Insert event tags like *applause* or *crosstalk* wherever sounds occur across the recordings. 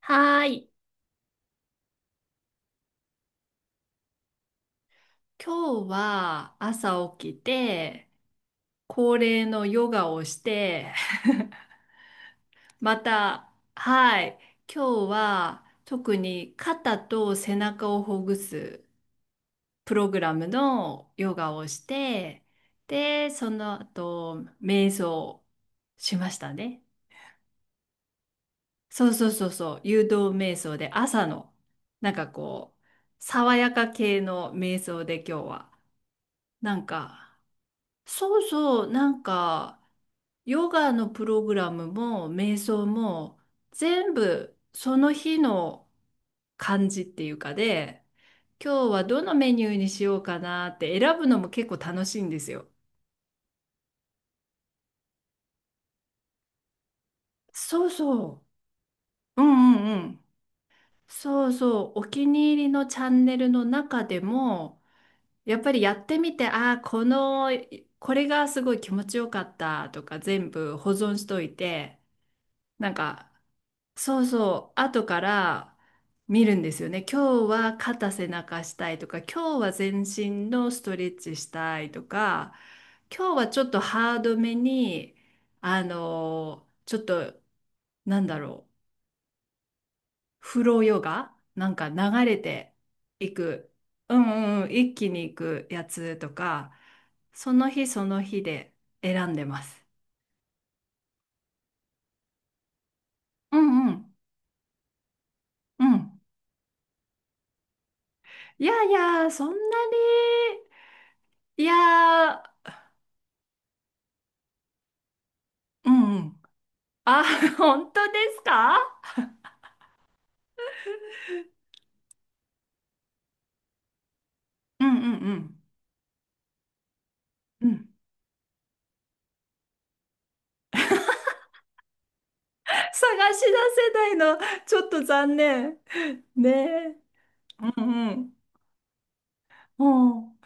はーい。今日は朝起きて、恒例のヨガをして、*laughs* また、はい。今日は特に肩と背中をほぐすプログラムのヨガをして、で、その後、瞑想しましたね。そうそうそうそう。誘導瞑想で朝の、なんかこう、爽やか系の瞑想で今日は、なんか、そうそう、なんか、ヨガのプログラムも、瞑想も、全部その日の感じっていうかで、今日はどのメニューにしようかなって選ぶのも結構楽しいんですよ。そうそう。うんうんうん。そうそう。お気に入りのチャンネルの中でも、やっぱりやってみて、ああ、この、いこれがすごい気持ちよかったとか全部保存しといて、なんかそうそう、後から見るんですよね。今日は肩背中したいとか、今日は全身のストレッチしたいとか、今日はちょっとハードめに、ちょっと、なんだろう、フローヨガなんか流れていく、うんうんうん、一気にいくやつとか、その日その日で選んでます。うんうんうん。いやいや、そんなに、いやーうんうん。あ、*laughs* 本当ですか？うんうんうん。うん。探し出せないの、ちょっと残念。ねえ。うんうん。うん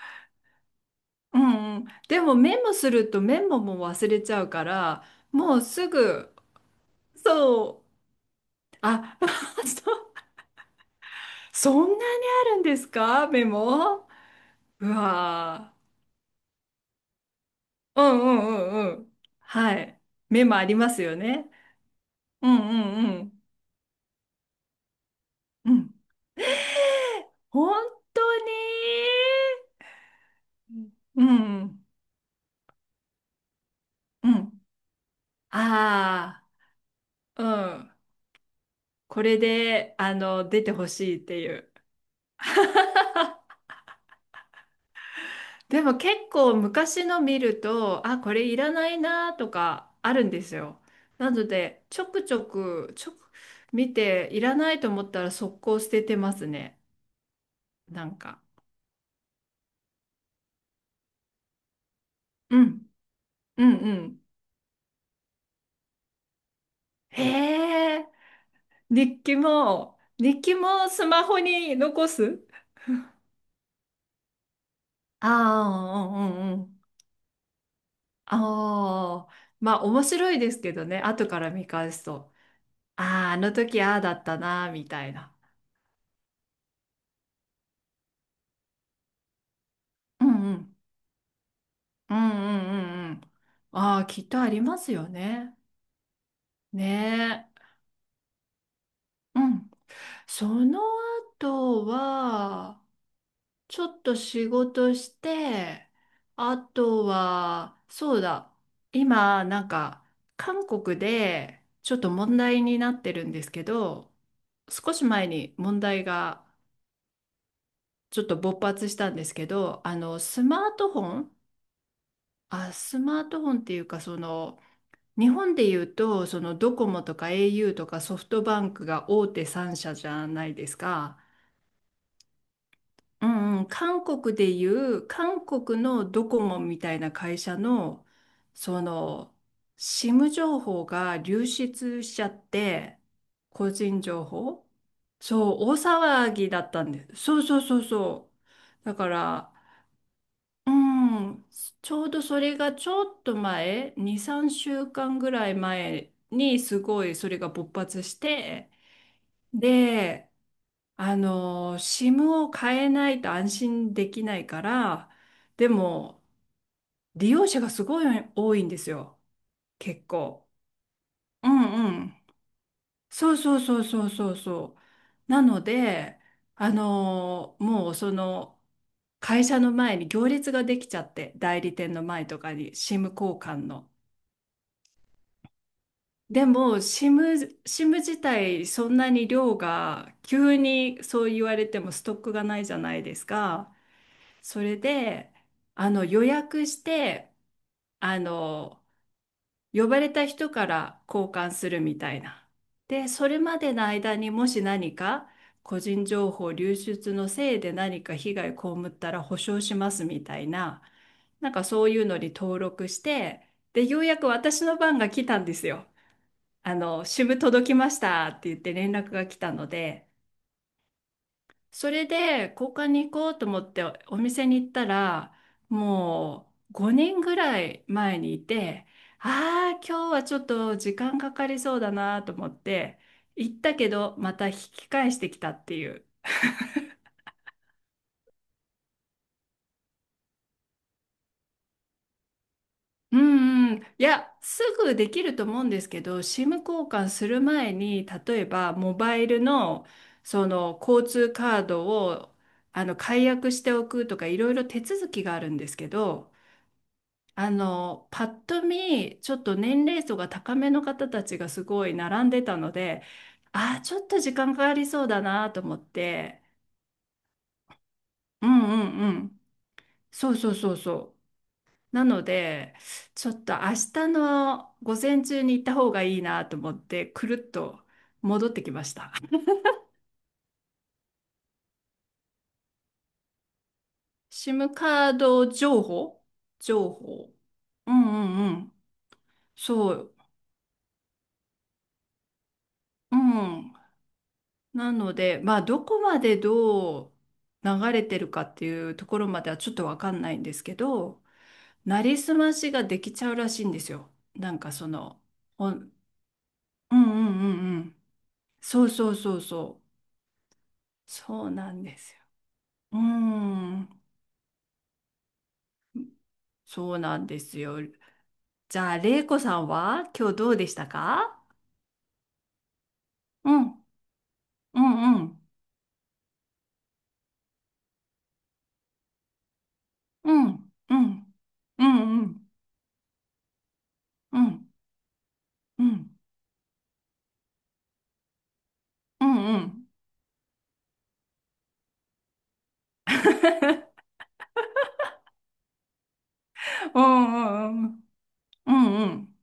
うんうん。でもメモするとメモも忘れちゃうから、もうすぐ、そう。あ、*laughs* そ、そんなにあるんですか？メモうわー。うんうんうんうん。はい。メモありますよね。うんうんうん。うん。本当に。うん、うん。ああ、うん。これで、あの、出てほしいっていう。でも結構昔の見ると、あ、これいらないなとかあるんですよ。なので、ちょくちょく見て、いらないと思ったら速攻捨ててますね。なんか。うん、うん、うん。へえ、日記も、日記もスマホに残す？ああ、うん、うん、うん。ああ、まあ面白いですけどね、後から見返すと、ああ、あの時ああだったな、みたいな。うんうん。うんうんうんうん。ああ、きっとありますよね。ねえ。うん。その後は、ちょっと仕事して、あとは、そうだ、今、なんか、韓国で、ちょっと問題になってるんですけど、少し前に問題がちょっと勃発したんですけど、あのスマートフォン、あ、スマートフォンっていうかその日本でいうとそのドコモとか au とかソフトバンクが大手3社じゃないですか。うんうん、韓国でいう韓国のドコモみたいな会社のその SIM 情報が流出しちゃって、個人情報、そう大騒ぎだったんです。そうそうそうそう。だからうん、ちょうどそれがちょっと前、2、3週間ぐらい前にすごいそれが勃発して、で、あの、SIM を変えないと安心できないから、でも利用者がすごい多いんですよ、結構。うんうん。そうそうそうそうそうそう。なので、あの、もうその、会社の前に行列ができちゃって、代理店の前とかに SIM 交換の。でも、シム、シム自体、そんなに量が、急にそう言われてもストックがないじゃないですか。それで、あの、予約して、あの、呼ばれた人から交換するみたいな。で、それまでの間にもし何か、個人情報流出のせいで何か被害被ったら保証しますみたいな、なんかそういうのに登録して、で、ようやく私の番が来たんですよ。あの、支部届きましたって言って連絡が来たので、それで交換に行こうと思ってお店に行ったら、もう5年ぐらい前にいて、ああ、今日はちょっと時間かかりそうだなと思って、行ったけど、また引き返してきたっていう。うんうん、いや、すぐできると思うんですけど、SIM 交換する前に、例えばモバイルのその交通カードをあの解約しておくとか、いろいろ手続きがあるんですけど、あのパッと見、ちょっと年齢層が高めの方たちがすごい並んでたので、ああ、ちょっと時間かかりそうだなと思って、うんうんうん、そうそうそうそう。なので、ちょっと明日の午前中に行った方がいいなと思って、くるっと戻ってきました。SIM カード情報、情報。うんうんうん。そう。うん。なので、まあ、どこまでどう流れてるかっていうところまではちょっとわかんないんですけど、なりすましができちゃうらしいんですよ。なんかその、おうんうんうんうん。そうそうそうそう。そうなんですよ。うーん。そうなんですよ。じゃあ、れいこさんは今日どうでしたか？うん、うん、うん、うん、うん、うん、うん、うん、うん、うん、うん、うん、うん、うん、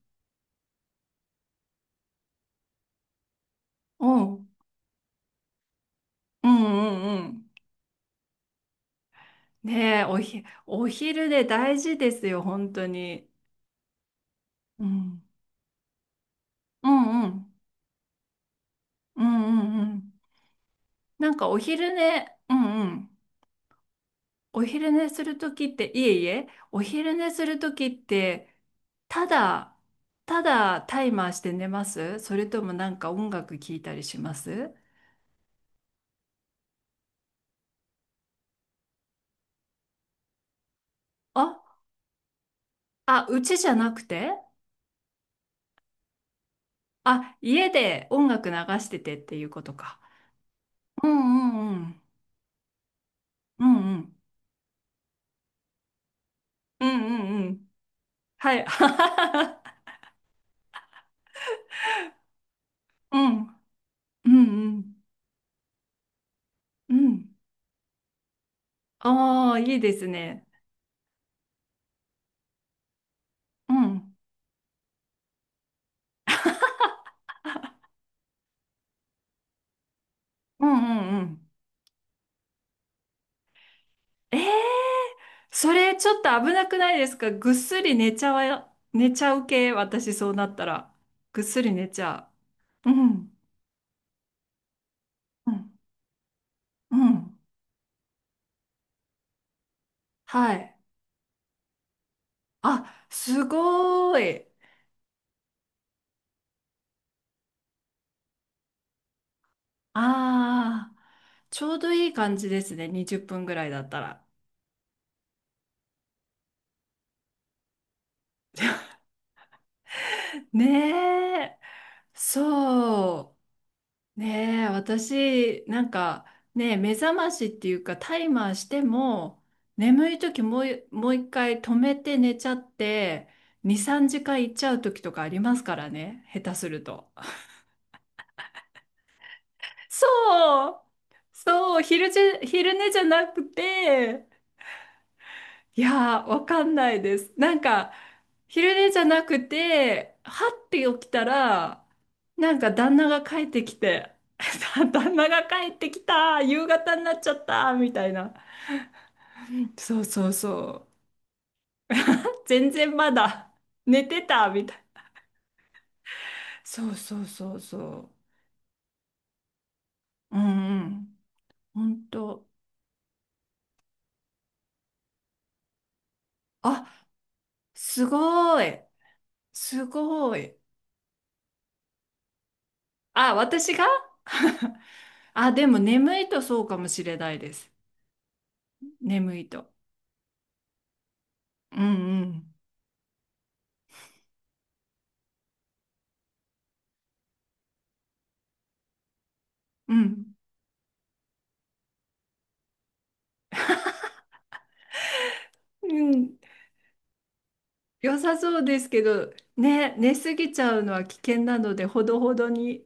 うん、うん。ねえ、おひ、お昼で大事ですよ、本当に。うん、うん、うん、うん、うん、うん。なんかお昼寝、うん、うん。お昼寝するときって、いえいえ、お昼寝するときって、ただ、ただタイマーして寝ます？それともなんか音楽聴いたりします？あ、あ、うちじゃなくて？あ、家で音楽流しててっていうことか。うんうんうん。うんうん。うんうんうん。はい。*laughs* うんうんうんうん。ああ、いいですね。うん。うんうんうん。えー、それちょっと危なくないですか？ぐっすり寝ちゃわ、寝ちゃう系、私そうなったら。ぐっすり寝ちゃう。うん、うん、うん。はい。あ、すごーい。ああ、ちょうどいい感じですね。20分ぐらいだったら。ねえ、そう。ねえ、私、なんか、ねえ、目覚ましっていうか、タイマーしても、眠い時もう、もう一回止めて寝ちゃって、2、3時間行っちゃう時とかありますからね、下手すると。*laughs* そうそう、昼じ、昼寝じゃなくて、いやー、わかんないです。なんか、昼寝じゃなくて、はって起きたら、なんか旦那が帰ってきて、*laughs* 旦那が帰ってきた、夕方になっちゃった、みたいな。そうそうそう。全然まだ寝てた、みたいな。そうそうそうそう。うんうん。ほんと。あ、すごい。すごい。あ、私が？ *laughs* あ、でも眠いとそうかもしれないです。眠いと。うんうんうんうん。良さそうですけどね、寝すぎちゃうのは危険なのでほどほどに